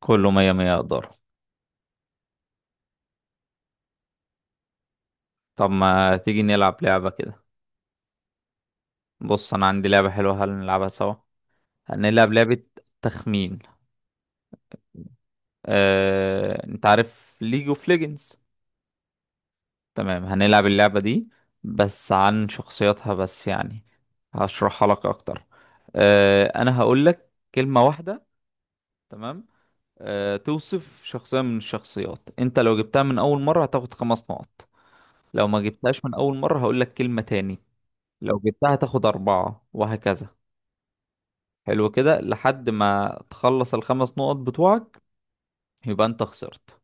كله مية مية اقدر. طب ما تيجي نلعب لعبة كده؟ بص، انا عندي لعبة حلوة، هل نلعبها سوا؟ هنلعب لعبة تخمين. انت عارف ليج اوف ليجندز؟ تمام، هنلعب اللعبة دي، بس عن شخصياتها بس يعني. هشرحها لك اكتر. انا هقولك كلمة واحدة، تمام؟ توصف شخصية من الشخصيات، انت لو جبتها من اول مرة هتاخد خمس نقط، لو ما جبتهاش من اول مرة هقولك كلمة تاني، لو جبتها هتاخد اربعة وهكذا. حلو كده لحد ما تخلص الخمس نقط بتوعك، يبقى انت خسرت.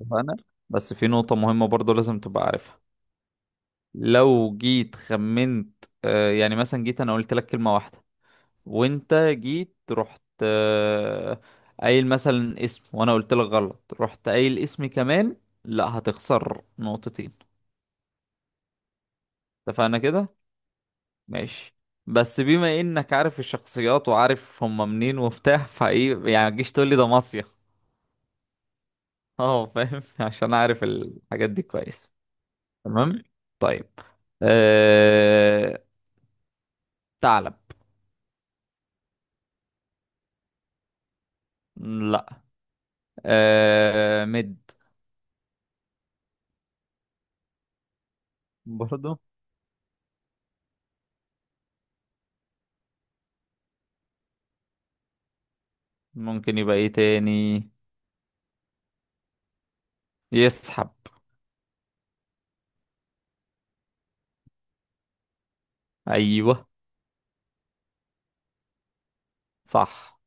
اتفقنا؟ بس في نقطة مهمة برضو لازم تبقى عارفها. لو جيت خمنت يعني مثلا، جيت انا قلت لك كلمة واحدة وانت جيت رحت قايل مثلا اسم، وانا قلت لك غلط، رحت قايل اسمي كمان، لا هتخسر نقطتين. اتفقنا كده؟ ماشي. بس بما انك عارف الشخصيات وعارف هم منين وبتاع فايه، يعني ما تجيش تقول لي ده مصيف. اه، فاهم عشان اعرف الحاجات دي كويس. تمام. طيب. أه... ثعلب. لا. مد. برضه. ممكن يبقى ايه تاني؟ يسحب. ايوه. صح،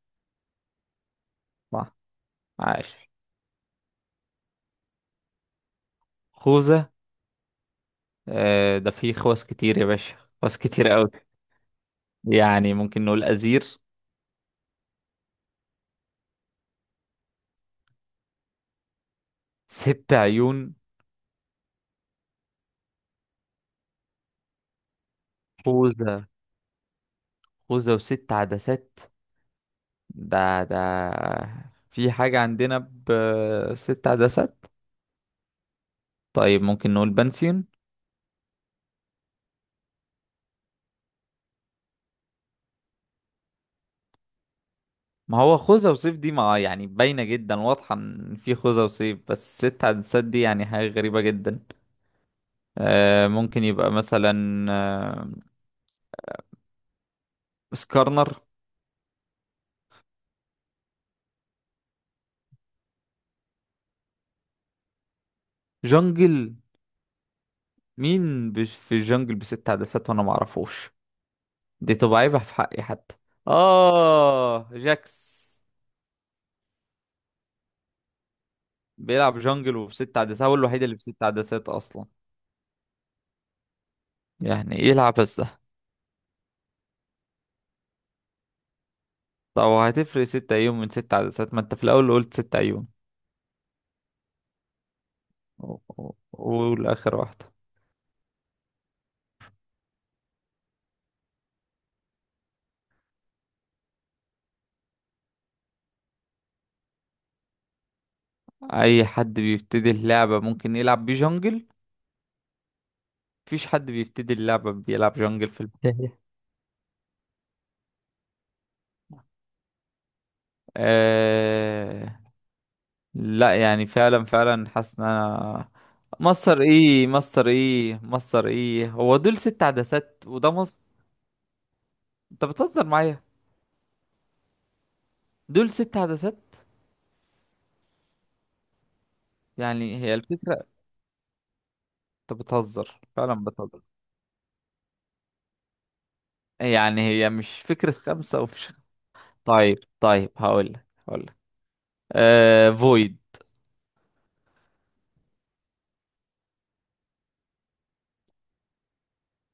صح. عارف. خوذة. ده فيه خواص كتير يا باشا، خواص كتير قوي. يعني ممكن نقول أزير. ست عيون. خوذة. خوذة وست عدسات. ده في حاجة عندنا بست عدسات. طيب ممكن نقول بنسيون. ما هو خوذة وسيف دي ما يعني باينة جدا، واضحة ان في خوذة وسيف، بس ست عدسات دي يعني حاجة غريبة جدا. ممكن يبقى مثلا، آه سكارنر. جنجل. في الجنجل بست عدسات وانا معرفوش، دي تبقى عيبة في حقي حتى. اه جاكس. بيلعب جنجل وبست عدسات، هو الوحيد اللي بست عدسات اصلا، يعني يلعب بس ده. طب هتفرق 6 ايام من ست عدسات؟ ما انت في الاول قلت 6 ايام. والاخر واحدة. اي حد بيبتدي اللعبة ممكن يلعب بجونجل، مفيش حد بيبتدي اللعبة بيلعب جونجل صحيح. آه... لا يعني، فعلا فعلا حاسس ان انا مصر ايه مصر ايه مصر ايه، هو دول ست عدسات وده مصر؟ انت بتهزر معايا. دول ست عدسات. يعني هي الفكرة. انت بتهزر فعلا، بتهزر. يعني هي مش فكرة خمسة ومش... طيب، طيب. هقولك فويد.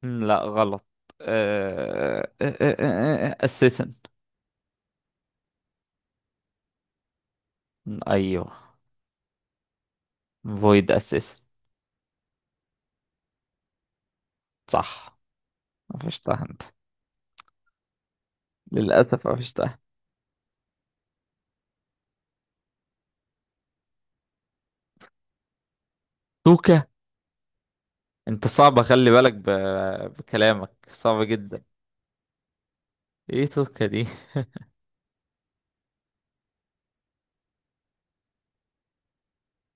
لا، غلط. أه... أه... أه... أه... آه، آه، اساسا. ايوه. فويد اساسا. صح. قفشتها انت. للاسف قفشتها. توكا. انت صعبة، خلي بالك بكلامك، صعبة جدا. ايه توكا دي؟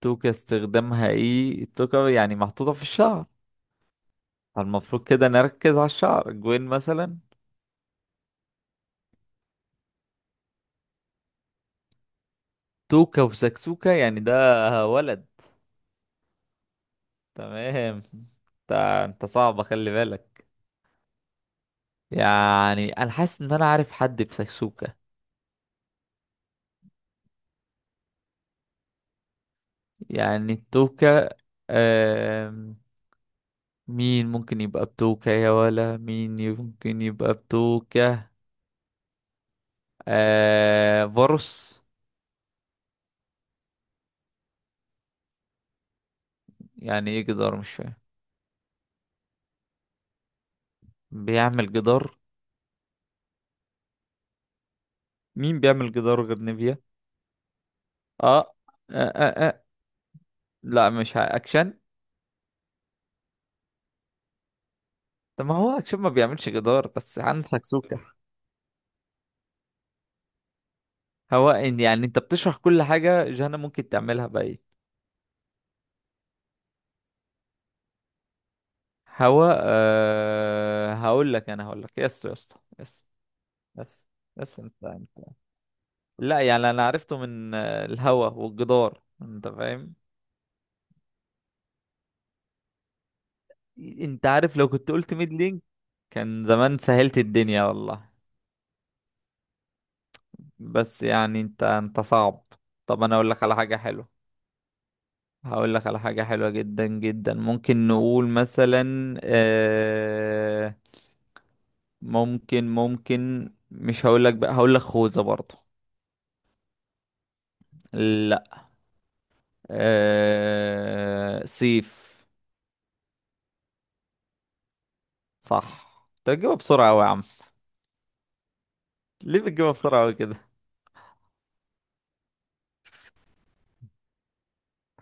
توكا، استخدامها ايه؟ توكا يعني محطوطة في الشعر، فالمفروض كده نركز على الشعر جوين مثلا. توكا وسكسوكا يعني ده ولد. تمام. انت صعبة، خلي بالك. يعني انا حاسس ان انا عارف حد بسكسوكا. يعني التوكة. آم، مين ممكن يبقى بتوكة؟ يا ولا مين ممكن يبقى بتوكة؟ فارس. يعني ايه جدار؟ مش فاهم. بيعمل جدار. مين بيعمل جدار غير نيفيا؟ آه. آه, آه, اه لا مش اكشن. طب ما هو اكشن ما بيعملش جدار، بس عن سكسوكة. هواء يعني انت بتشرح كل حاجة جهنم ممكن تعملها بقى. هواء. هقول لك انا هقول لك يس يا اسطى، يس. يس، يس، انت يعني. لا يعني انا عرفته من الهوا والجدار، انت فاهم. انت عارف لو كنت قلت ميد لينك كان زمان سهلت الدنيا والله. بس يعني انت صعب. طب انا اقول لك على حاجة حلوة. هقول لك على حاجة حلوة جدا جدا. ممكن نقول مثلا ممكن مش هقول لك بقى، هقول لك خوذة برضه. لا. سيف. صح. انت بتجيبها بسرعة أوي يا عم. ليه بتجيبها بسرعة أوي؟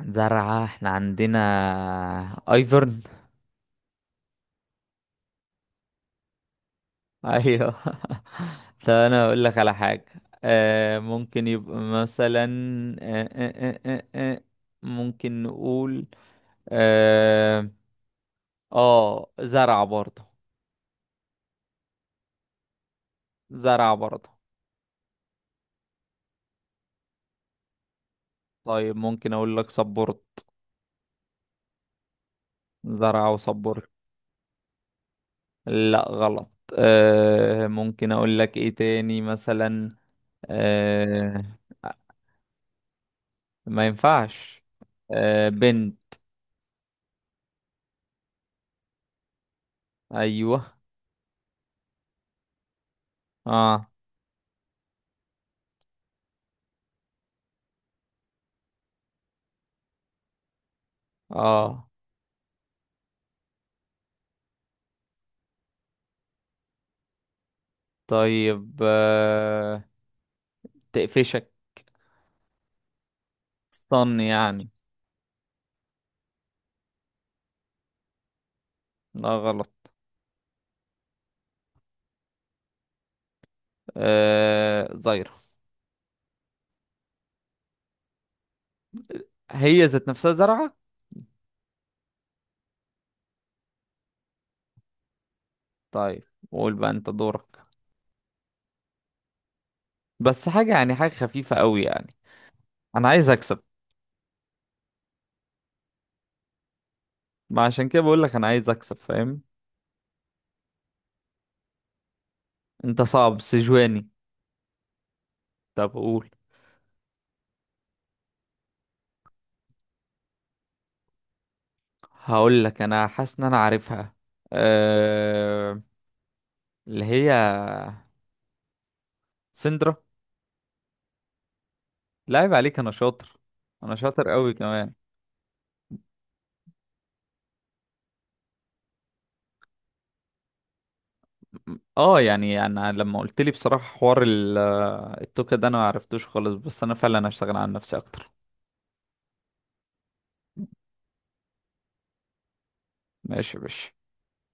عن زرعة احنا عندنا ايفرن. ايوه طب انا اقول لك على حاجة. ممكن يبقى مثلا، آه آه آه آه آه، ممكن نقول، اه, زرعة برضه. زرعة برضه. طيب ممكن اقول لك سبورت. زرعة وسبورت. لا، غلط. ممكن اقول لك ايه تاني مثلا؟ آه ما ينفعش. بنت. ايوه، اه، اه. طيب. تقفشك. استن يعني. لا، غلط. زيرة. هي ذات نفسها زرعة. طيب، قول بقى، انت دورك. بس حاجة يعني حاجة خفيفة قوي يعني، انا عايز اكسب. ما عشان كده بقول لك انا عايز اكسب، فاهم. انت صعب سجواني. طب قول. هقول لك، انا حاسس ان انا عارفها. آه... اللي هي سندرا. لا، عيب عليك، انا شاطر. انا شاطر قوي كمان. اه يعني، انا لما قلت لي بصراحه حوار التوكة ده انا ما عرفتوش خالص، بس انا فعلا هشتغل على نفسي اكتر. ماشي يا باشا.